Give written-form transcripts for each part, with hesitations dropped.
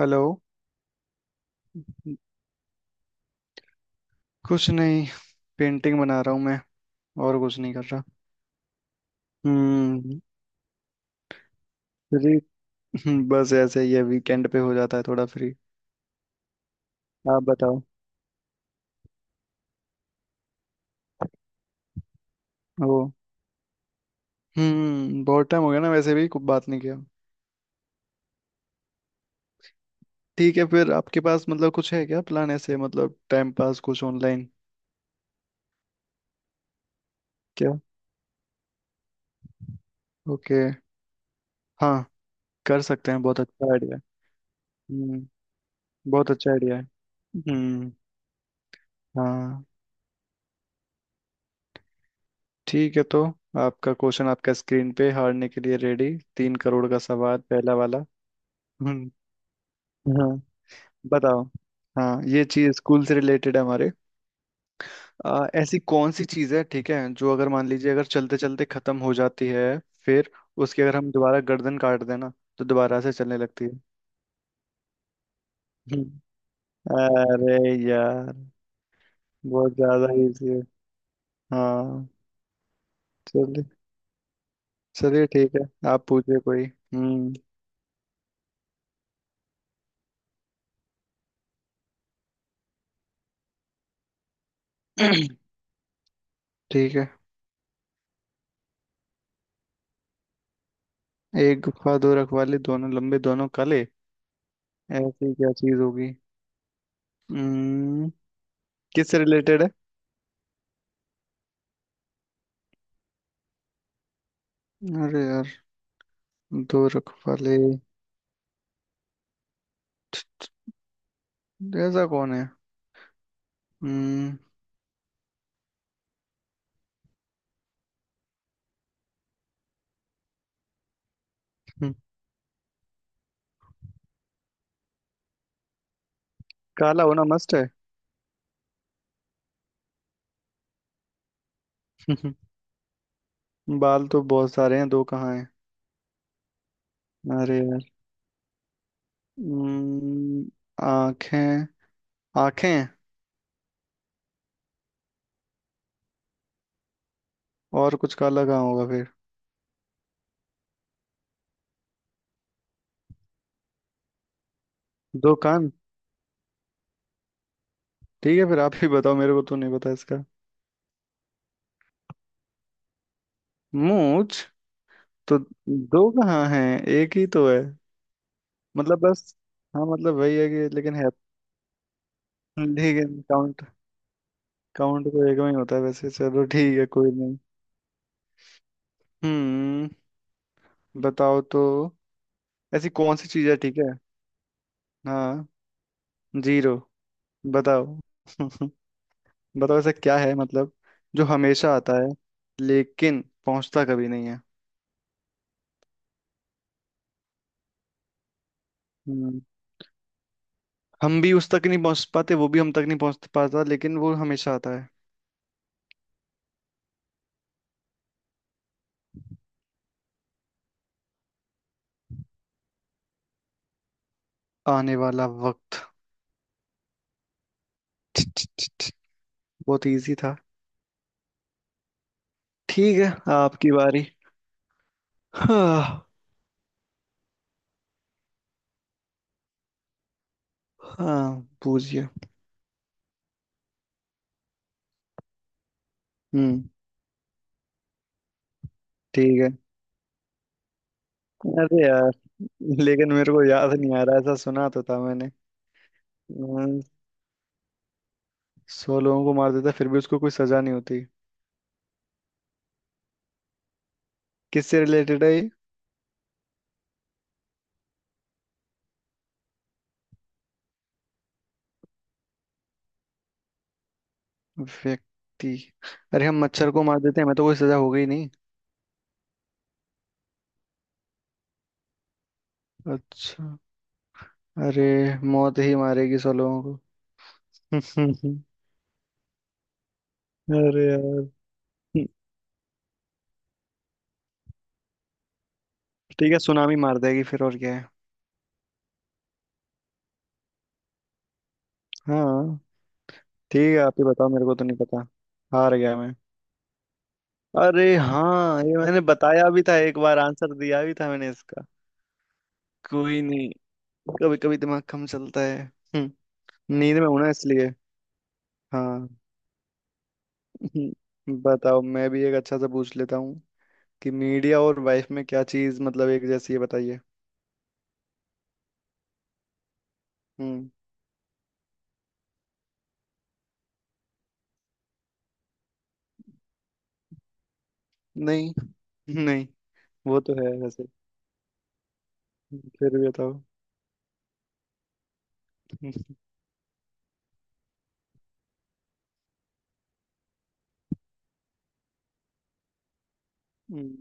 Hello. कुछ नहीं, painting बना रहा हूँ मैं। और कुछ नहीं कर रहा। हम्म। फ्री। बस ऐसे ही है, वीकेंड पे हो जाता है थोड़ा फ्री। आप बताओ। ओ। हम्म, बहुत टाइम हो गया ना वैसे भी, कुछ बात नहीं किया। ठीक है, फिर आपके पास मतलब कुछ है क्या प्लान ऐसे, मतलब टाइम पास कुछ ऑनलाइन। क्या। ओके। हाँ, कर सकते हैं, बहुत अच्छा आइडिया है। हम्म। बहुत अच्छा आइडिया है। हम्म। हाँ। ठीक है, तो आपका क्वेश्चन आपका स्क्रीन पे हारने के लिए रेडी। 3 करोड़ का सवाल पहला वाला। हम्म। हाँ, बताओ। हाँ, ये चीज स्कूल से रिलेटेड है हमारे। ऐसी कौन सी चीज है, ठीक है, जो अगर मान लीजिए, अगर चलते चलते खत्म हो जाती है, फिर उसकी अगर हम दोबारा गर्दन काट देना तो दोबारा से चलने लगती है। हम्म। अरे यार, बहुत ज्यादा इजी है। हाँ। चलिए। चलिए ठीक है, आप पूछिए कोई। हम्म। ठीक है। एक गुफा, दो रखवाले, दोनों लंबे दोनों काले। ऐसी क्या चीज होगी। हम्म, किससे रिलेटेड है। अरे यार, दो रखवाले। ऐसा कौन है। हम्म। हम्म, काला होना मस्त है। बाल तो बहुत सारे हैं, दो कहाँ हैं। अरे यार। हम्म, आंखें। आंखें हैं, और कुछ काला कहाँ होगा फिर। दो कान। ठीक है, फिर आप ही बताओ, मेरे को तो नहीं पता इसका। मूंछ, तो दो कहाँ हैं, एक ही तो है। मतलब बस। हाँ मतलब वही है कि लेकिन है। ठीक है। काउंट। काउंट तो एक में ही होता है, वैसे चलो ठीक है, कोई नहीं। हम्म, बताओ तो। ऐसी कौन सी चीज है, ठीक है। हाँ। जीरो। बताओ। बताओ ऐसा क्या है मतलब, जो हमेशा आता है लेकिन पहुंचता कभी नहीं है। हम्म, हम भी उस तक नहीं पहुंच पाते, वो भी हम तक नहीं पहुंच पाता, लेकिन वो हमेशा आता है। आने वाला वक्त। छ, छ, छ, छ, बहुत इजी था। ठीक है, आपकी बारी। हाँ। हाँ पूछिए। हम्म। ठीक है। अरे यार, लेकिन मेरे को याद नहीं आ रहा, ऐसा सुना तो था मैंने। हम्म, 100 लोगों को मार देता है फिर भी उसको कोई सजा नहीं होती। किससे रिलेटेड है ये। व्यक्ति। अरे, हम मच्छर को मार देते हैं, हमें तो कोई सजा हो गई नहीं। अच्छा। अरे, मौत ही मारेगी 100 लोगों को। अरे यार। ठीक है, सुनामी मार देगी, फिर और क्या है। हाँ। ठीक है, आप ही बताओ, मेरे को तो नहीं पता। हार गया मैं। अरे हाँ, ये मैंने बताया भी था एक बार, आंसर दिया भी था मैंने इसका। कोई नहीं, कभी कभी दिमाग कम चलता है। हम्म, नींद में हूं ना, इसलिए। हाँ। हम्म, बताओ, मैं भी एक अच्छा सा पूछ लेता हूँ, कि मीडिया और वाइफ में क्या चीज मतलब एक जैसी है, बताइए। हम्म। नहीं। नहीं। वो तो है वैसे। फिर भी बताओ। हम्म,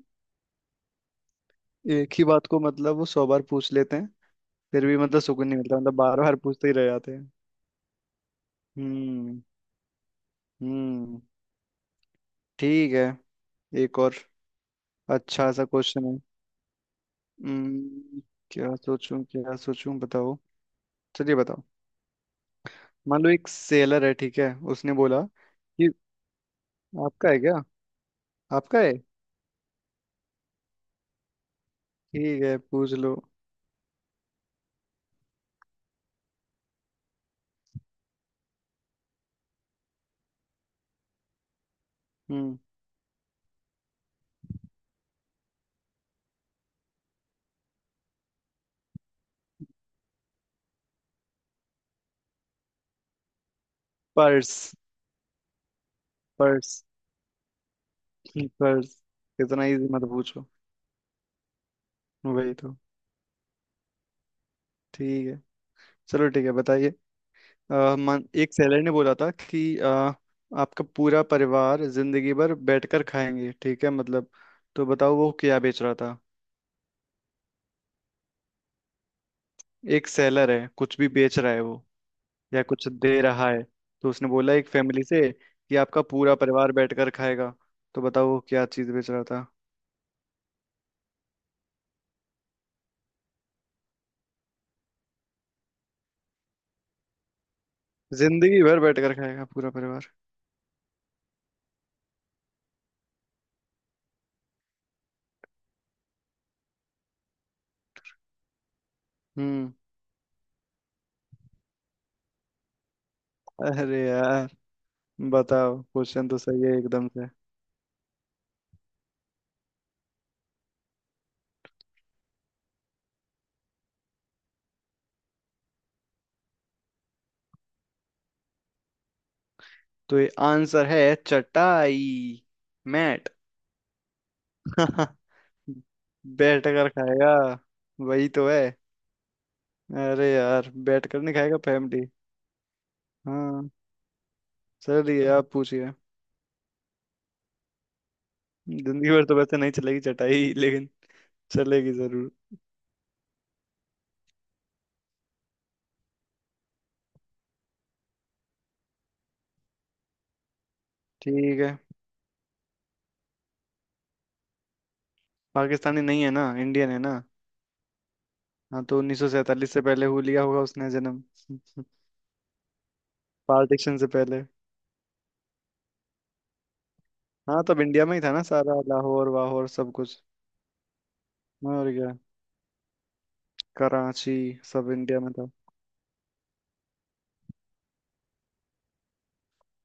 एक ही बात को मतलब वो 100 बार पूछ लेते हैं, फिर भी मतलब सुकून नहीं मिलता, मतलब बार बार पूछते ही रह जाते हैं। हम्म। हम्म। ठीक है। एक और अच्छा सा क्वेश्चन है। हम्म। क्या सोचूं क्या सोचूं, बताओ। चलिए बताओ। मान लो एक सेलर है, ठीक है, उसने बोला कि आपका है क्या। आपका है। ठीक है, पूछ लो। हम्म। पर्स। पर्स। पर्स, इतना इजी मत पूछो। वही तो। ठीक है। चलो ठीक है, बताइए। मन एक सेलर ने बोला था कि आपका पूरा परिवार जिंदगी भर बैठकर खाएंगे, ठीक है, मतलब, तो बताओ वो क्या बेच रहा था। एक सेलर है कुछ भी बेच रहा है वो, या कुछ दे रहा है। तो उसने बोला एक फैमिली से कि आपका पूरा परिवार बैठकर खाएगा, तो बताओ वो क्या चीज बेच रहा था। जिंदगी भर बैठकर खाएगा पूरा परिवार। हम्म। अरे यार, बताओ। क्वेश्चन तो सही है एकदम से। तो ये आंसर है चटाई। मैट। बैठ कर खाएगा। वही तो है। अरे यार, बैठ कर नहीं खाएगा फैमिली। हाँ। चलिए आप पूछिए। जिंदगी भर तो वैसे नहीं चलेगी चटाई लेकिन चलेगी जरूर। ठीक है। पाकिस्तानी नहीं है ना, इंडियन है ना। हाँ, तो 1947 से पहले हो लिया होगा उसने जन्म। पार्टीशन से पहले। हाँ, तब इंडिया में ही था ना सारा, लाहौर वाहौर सब कुछ। और क्या। कराची, सब इंडिया में था।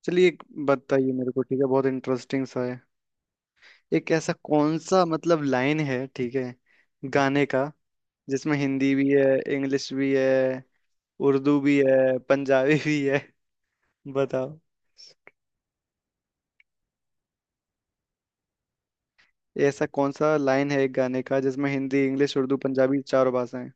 चलिए एक बताइए मेरे को, ठीक है, बहुत इंटरेस्टिंग सा है। एक ऐसा कौन सा मतलब लाइन है, ठीक है, गाने का, जिसमें हिंदी भी है, इंग्लिश भी है, उर्दू भी है, पंजाबी भी है। बताओ ऐसा कौन सा लाइन है एक गाने का जिसमें हिंदी, इंग्लिश, उर्दू, पंजाबी चारों भाषाएं।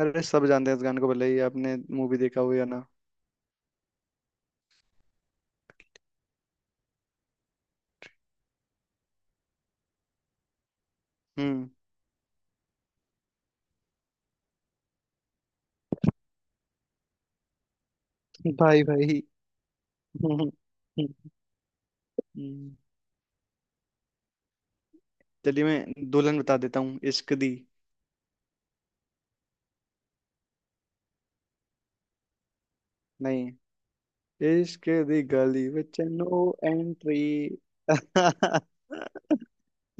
अरे सब जानते हैं इस गाने को, भले ही आपने मूवी देखा हो या ना। हम्म। भाई भाई। हम्म, चलिए मैं दुल्हन बता देता हूँ, इश्क दी। नहीं। इश्क दी गली विच नो एंट्री। ये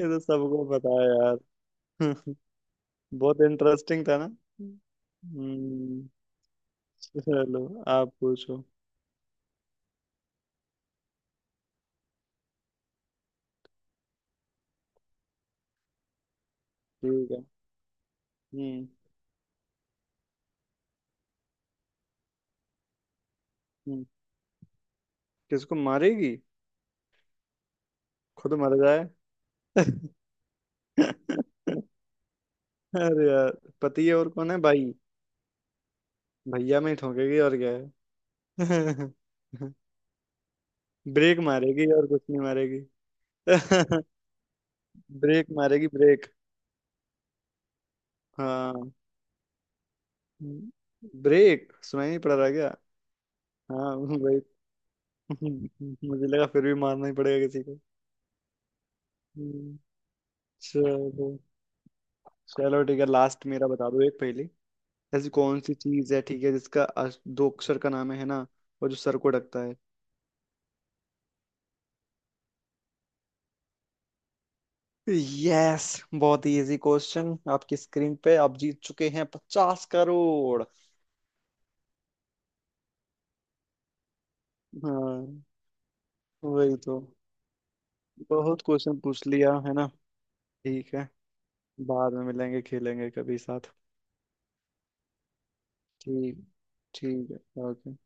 तो सबको पता है यार। बहुत इंटरेस्टिंग था ना। हम्म। चलो आप पूछो। ठीक है। हम्म। हम्म। किसको मारेगी। खुद मर जाए। अरे यार, पति है और कौन है, भाई। भैया में ही ठोकेगी और क्या। है। ब्रेक मारेगी, और कुछ नहीं मारेगी। ब्रेक मारेगी, ब्रेक। हाँ। ब्रेक सुनाई नहीं पड़ रहा क्या। हाँ वही। मुझे लगा फिर भी मारना ही पड़ेगा किसी को। हम्म, चलो। चलो ठीक है, लास्ट मेरा बता दो एक पहली। ऐसी कौन सी चीज है, ठीक है, जिसका दो अक्षर का नाम है ना, और जो सर को ढकता है। यस। बहुत ही इजी क्वेश्चन। आपकी स्क्रीन पे आप जीत चुके हैं 50 करोड़। हाँ वही तो। बहुत क्वेश्चन पूछ लिया है ना। ठीक है। बाद में मिलेंगे, खेलेंगे कभी साथ। ठीक। ठीक है, ओके।